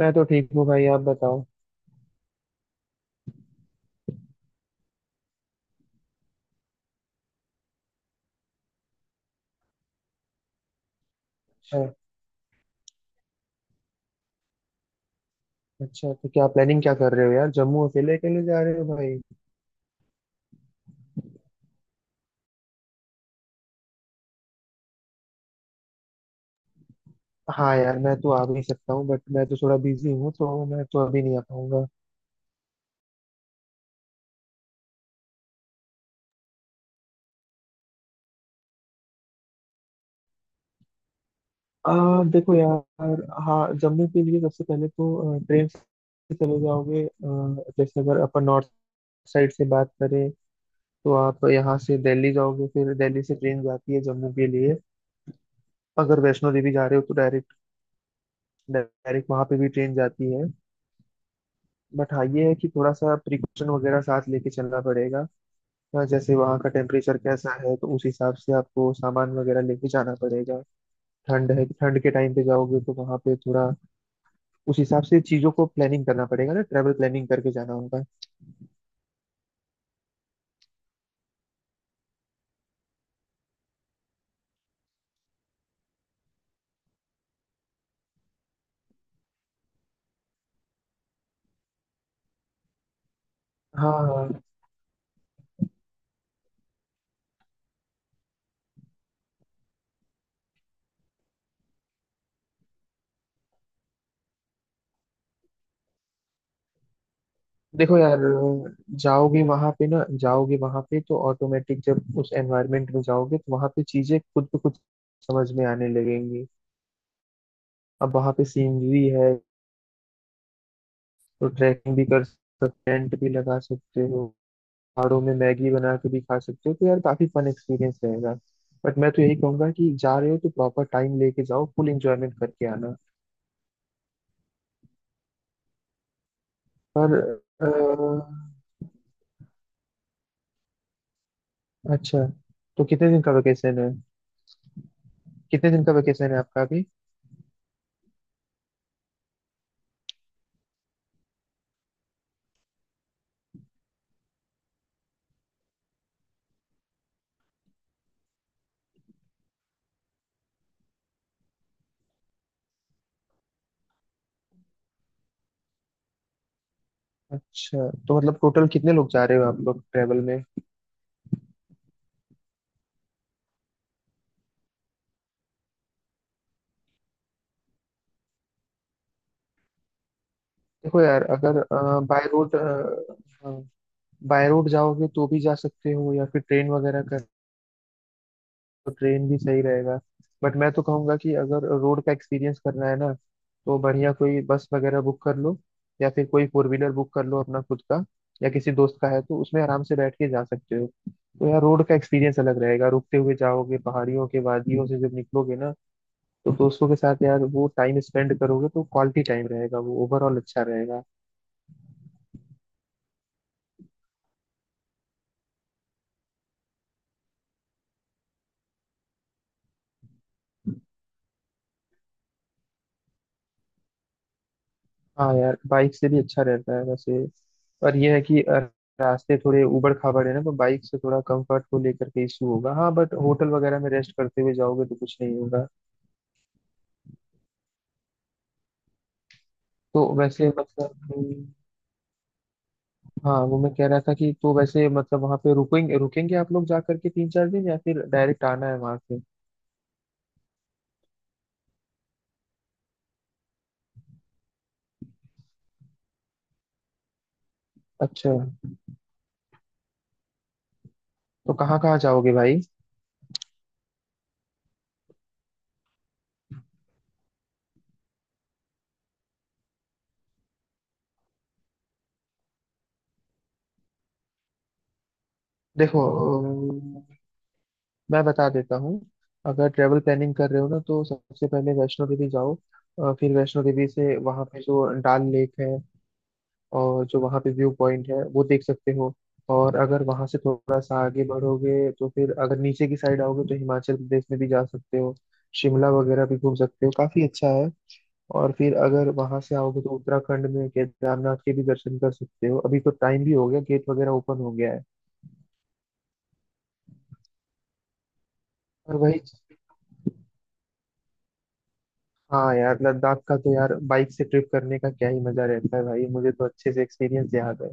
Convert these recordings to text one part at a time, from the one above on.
मैं तो ठीक हूँ भाई। आप बताओ। अच्छा, अच्छा तो क्या प्लानिंग क्या कर रहे हो यार? जम्मू अकेले अकेले जा रहे हो भाई? हाँ यार, मैं तो आ भी सकता हूँ बट मैं तो थोड़ा बिजी हूँ, तो मैं तो अभी नहीं आ पाऊंगा। देखो यार, हाँ जम्मू के लिए सबसे पहले तो ट्रेन से चले जाओगे। जैसे अगर अपन नॉर्थ साइड से बात करें तो आप यहाँ से दिल्ली जाओगे, फिर दिल्ली से ट्रेन जाती है जम्मू के लिए। अगर वैष्णो देवी जा रहे हो तो डायरेक्ट डायरेक्ट वहाँ पे भी ट्रेन जाती है। बट हाँ, ये है कि थोड़ा सा प्रिकॉशन वगैरह साथ लेके चलना पड़ेगा। हाँ, जैसे वहाँ का टेम्परेचर कैसा है तो उस हिसाब से आपको सामान वगैरह लेके जाना पड़ेगा। ठंड है, ठंड के टाइम पे जाओगे तो वहाँ पे थोड़ा उस हिसाब से चीज़ों को प्लानिंग करना पड़ेगा ना, ट्रैवल प्लानिंग करके जाना होगा। हाँ हाँ। देखो यार, जाओगे वहाँ पे ना, जाओगे वहाँ पे तो ऑटोमेटिक जब उस एनवायरनमेंट में जाओगे तो वहाँ पे चीज़ें खुद ब खुद समझ में आने लगेंगी। अब वहाँ पे सीनरी है, तो ट्रैकिंग भी कर सकते, टेंट भी लगा सकते हो। पहाड़ों में मैगी बना के भी खा सकते हो, तो यार काफी फन एक्सपीरियंस रहेगा। बट मैं तो यही कहूंगा कि जा रहे हो तो प्रॉपर टाइम लेके जाओ, फुल एंजॉयमेंट करके आना। पर अ, अच्छा, तो कितने दिन का वेकेशन है? कितने दिन का वेकेशन है आपका अभी? अच्छा, तो मतलब टोटल कितने लोग जा रहे हो आप लोग ट्रेवल में? देखो यार, अगर बाय रोड बाय रोड जाओगे तो भी जा सकते हो, या फिर ट्रेन वगैरह कर तो ट्रेन भी सही रहेगा। बट मैं तो कहूंगा कि अगर रोड का एक्सपीरियंस करना है ना, तो बढ़िया कोई बस वगैरह बुक कर लो, या फिर कोई फोर व्हीलर बुक कर लो अपना खुद का, या किसी दोस्त का है तो उसमें आराम से बैठ के जा सकते हो। तो यार रोड का एक्सपीरियंस अलग रहेगा, रुकते हुए जाओगे, पहाड़ियों के वादियों से जब निकलोगे ना, तो दोस्तों के साथ यार वो टाइम स्पेंड करोगे तो क्वालिटी टाइम रहेगा, वो ओवरऑल अच्छा रहेगा। हाँ यार, बाइक से भी अच्छा रहता है वैसे। पर यह है कि रास्ते थोड़े उबड़ खाबड़ है ना, तो बाइक से थोड़ा कंफर्ट को लेकर के इशू होगा। हाँ बट होटल वगैरह में रेस्ट करते हुए जाओगे तो कुछ नहीं होगा। तो वैसे मतलब कि- हाँ, वो मैं कह रहा था कि तो वैसे मतलब वहाँ पे रुकेंगे रुकेंगे आप लोग जा करके 3-4 दिन, या फिर डायरेक्ट आना है वहाँ से? अच्छा, तो कहाँ कहाँ जाओगे भाई? देखो, मैं बता देता हूँ। अगर ट्रेवल प्लानिंग कर रहे हो ना, तो सबसे पहले वैष्णो देवी जाओ। फिर वैष्णो देवी से वहाँ पे जो डाल लेक है और जो वहाँ पे व्यू पॉइंट है वो देख सकते हो। और अगर वहाँ से थोड़ा सा आगे बढ़ोगे तो फिर अगर नीचे की साइड आओगे तो हिमाचल प्रदेश में भी जा सकते हो, शिमला वगैरह भी घूम सकते हो, काफी अच्छा है। और फिर अगर वहाँ से आओगे तो उत्तराखंड में केदारनाथ के भी दर्शन कर सकते हो। अभी तो टाइम भी हो गया, गेट वगैरह ओपन हो गया है। और वही। हाँ यार, लद्दाख का तो यार बाइक से ट्रिप करने का क्या ही मजा रहता है भाई, मुझे तो अच्छे से एक्सपीरियंस याद है।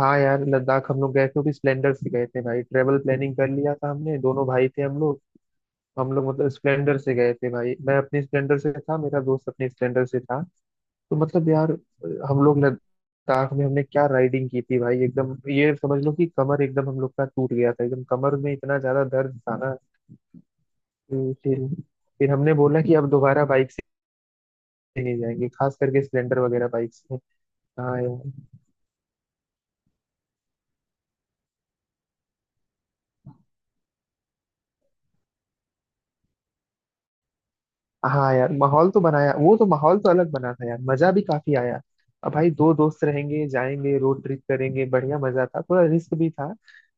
हाँ यार, लद्दाख हम लोग गए थे, वो भी स्प्लेंडर से गए थे भाई। ट्रेवल प्लानिंग कर लिया था हमने, दोनों भाई थे हम लोग। हम लोग मतलब स्प्लेंडर से गए थे भाई। मैं अपने स्प्लेंडर से था, मेरा दोस्त अपने स्प्लेंडर से था। तो मतलब यार, हम लोग लद्दाख में हमने क्या राइडिंग की थी भाई, एकदम ये समझ लो कि कमर एकदम हम लोग का टूट गया था, एकदम कमर में इतना ज्यादा दर्द था ना कि फिर हमने बोला कि अब दोबारा बाइक नहीं जाएंगे, खास करके स्प्लेंडर वगैरह बाइक से। हाँ यार। हाँ यार, माहौल तो बनाया, वो तो माहौल तो अलग बना था यार, मजा भी काफी आया। अब भाई दो दोस्त रहेंगे, जाएंगे, रोड ट्रिप करेंगे, बढ़िया मजा था, थोड़ा रिस्क भी था।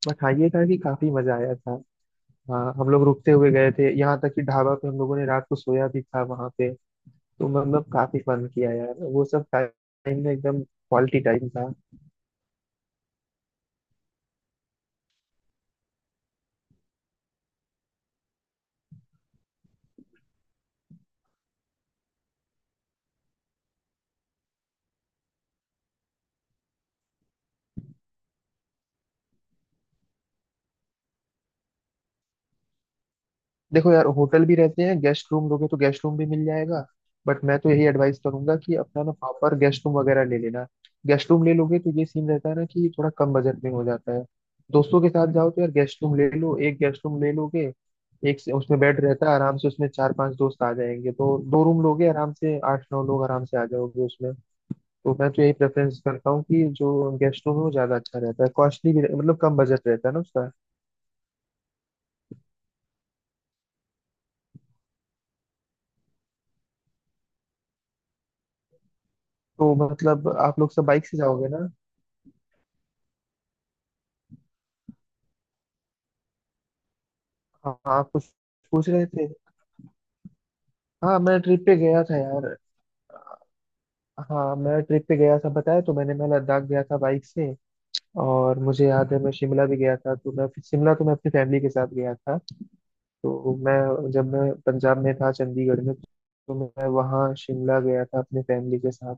बट हाँ, ये था कि काफी मजा आया था। हाँ, हम लोग रुकते हुए गए थे, यहाँ तक कि ढाबा पे हम लोगों ने रात को सोया भी था वहां पे। तो मतलब काफी फन किया यार, वो सब टाइम में एकदम क्वालिटी टाइम था। देखो यार, होटल भी रहते हैं, गेस्ट रूम लोगे तो गेस्ट रूम भी मिल जाएगा। बट मैं तो यही एडवाइस करूंगा कि अपना ना प्रॉपर गेस्ट रूम वगैरह ले लेना। गेस्ट रूम ले लोगे तो ये सीन रहता है ना कि थोड़ा कम बजट में हो जाता है। दोस्तों के साथ जाओ तो यार गेस्ट रूम ले लो, एक गेस्ट रूम ले लोगे, एक से उसमें बेड रहता है, आराम से उसमें चार पांच दोस्त आ जाएंगे, तो दो रूम लोगे आराम से आठ नौ लोग आराम से आ जाओगे उसमें। तो मैं तो यही प्रेफरेंस करता हूँ कि जो गेस्ट रूम है वो ज्यादा अच्छा रहता है, मतलब कम बजट रहता है ना उसका। तो मतलब आप लोग सब बाइक से जाओगे? हाँ, कुछ पूछ रहे थे। हाँ, मैं ट्रिप पे गया था यार। हाँ, मैं ट्रिप पे गया था, बताया तो मैंने, मैं लद्दाख गया था बाइक से। और मुझे याद है मैं शिमला भी गया था। तो मैं शिमला तो मैं अपनी फैमिली के साथ गया था। तो मैं जब मैं पंजाब में था, चंडीगढ़ में, तो मैं वहाँ शिमला गया था अपने फैमिली के साथ।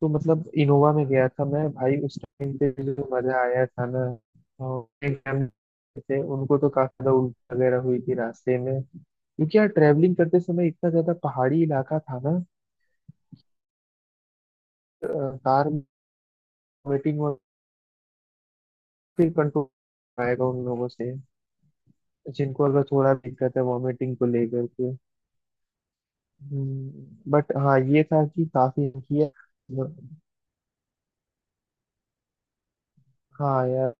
तो मतलब इनोवा में गया था मैं भाई, उस टाइम पे जो मजा आया था ना। और एक मैम थे, उनको तो काफी ज्यादा उल्टी वगैरह हुई थी रास्ते में, क्योंकि यार ट्रैवलिंग करते समय इतना ज्यादा पहाड़ी इलाका था ना। अ, कार वॉमिटिंग, और फिर कंट्रोल आएगा उन लोगों से जिनको अगर थोड़ा भी दिक्कत है वॉमिटिंग को लेकर के। बट हाँ, ये था कि काफी किया। हाँ यार,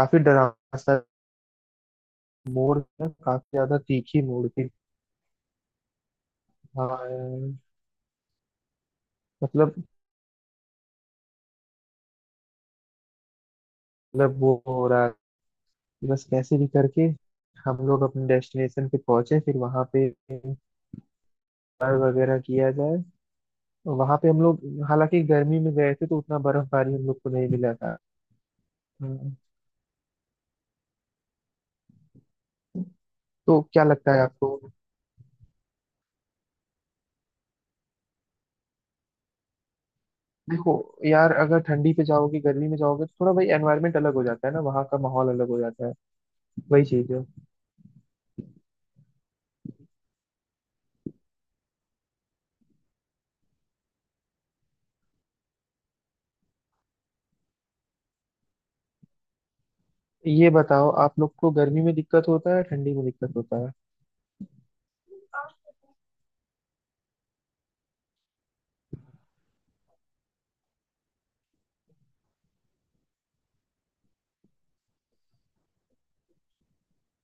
काफी डरावना सा मोड़ था, काफी ज्यादा तीखी मोड़ थी। हाँ यार, मतलब मतलब वो हो रहा कि बस कैसे भी करके हम लोग अपने डेस्टिनेशन पे पहुंचे, फिर वहां पे पार वगैरह किया जाए। और वहां पे हम लोग, हालांकि गर्मी में गए थे, तो उतना बर्फबारी हम लोग को नहीं मिला था। हम्म। तो क्या लगता है आपको? देखो यार, अगर ठंडी पे जाओगे, गर्मी में जाओगे तो थोड़ा भाई एनवायरनमेंट अलग हो जाता है ना, वहाँ का माहौल अलग हो जाता है। वही चीज है। ये बताओ, आप लोग को गर्मी में दिक्कत होता है, ठंडी में दिक्कत होता है?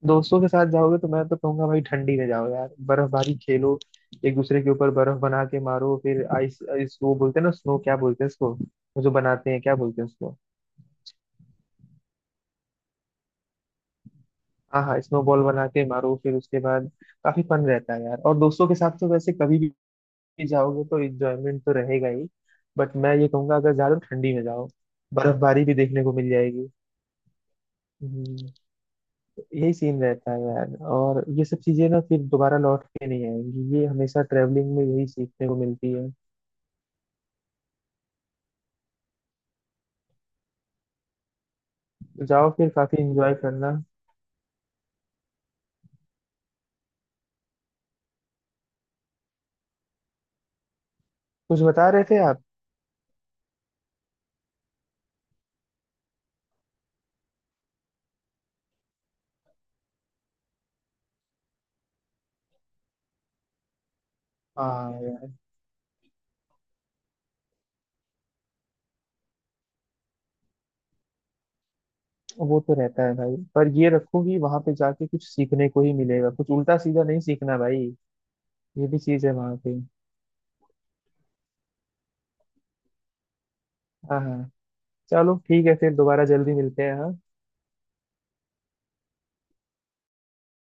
दोस्तों के साथ जाओगे तो मैं तो कहूंगा भाई, ठंडी में जाओ यार, बर्फबारी खेलो, एक दूसरे के ऊपर बर्फ बना के मारो। फिर आइस आइस वो बोलते हैं ना, स्नो, क्या बोलते हैं इसको, वो जो बनाते हैं क्या बोलते हैं उसको? हाँ हाँ, स्नो बॉल बना के मारो फिर, उसके बाद काफी फन रहता है यार। और दोस्तों के साथ तो वैसे कभी भी जाओगे तो इंजॉयमेंट तो रहेगा ही। बट मैं ये कहूंगा अगर ज्यादा ठंडी में जाओ बर्फबारी भी देखने को मिल जाएगी। हम्म, तो यही सीन रहता है यार, और ये सब चीजें ना फिर दोबारा लौट के नहीं आएंगी, ये हमेशा ट्रेवलिंग में यही सीखने को मिलती है। जाओ फिर, काफी एंजॉय करना। कुछ बता रहे थे आप? हाँ यार, वो तो रहता है भाई, पर ये रखो कि वहां पे जाके कुछ सीखने को ही मिलेगा, कुछ उल्टा सीधा नहीं सीखना भाई। ये भी चीज है वहां पे। हाँ हाँ, चलो ठीक है, फिर दोबारा जल्दी मिलते हैं हाँ।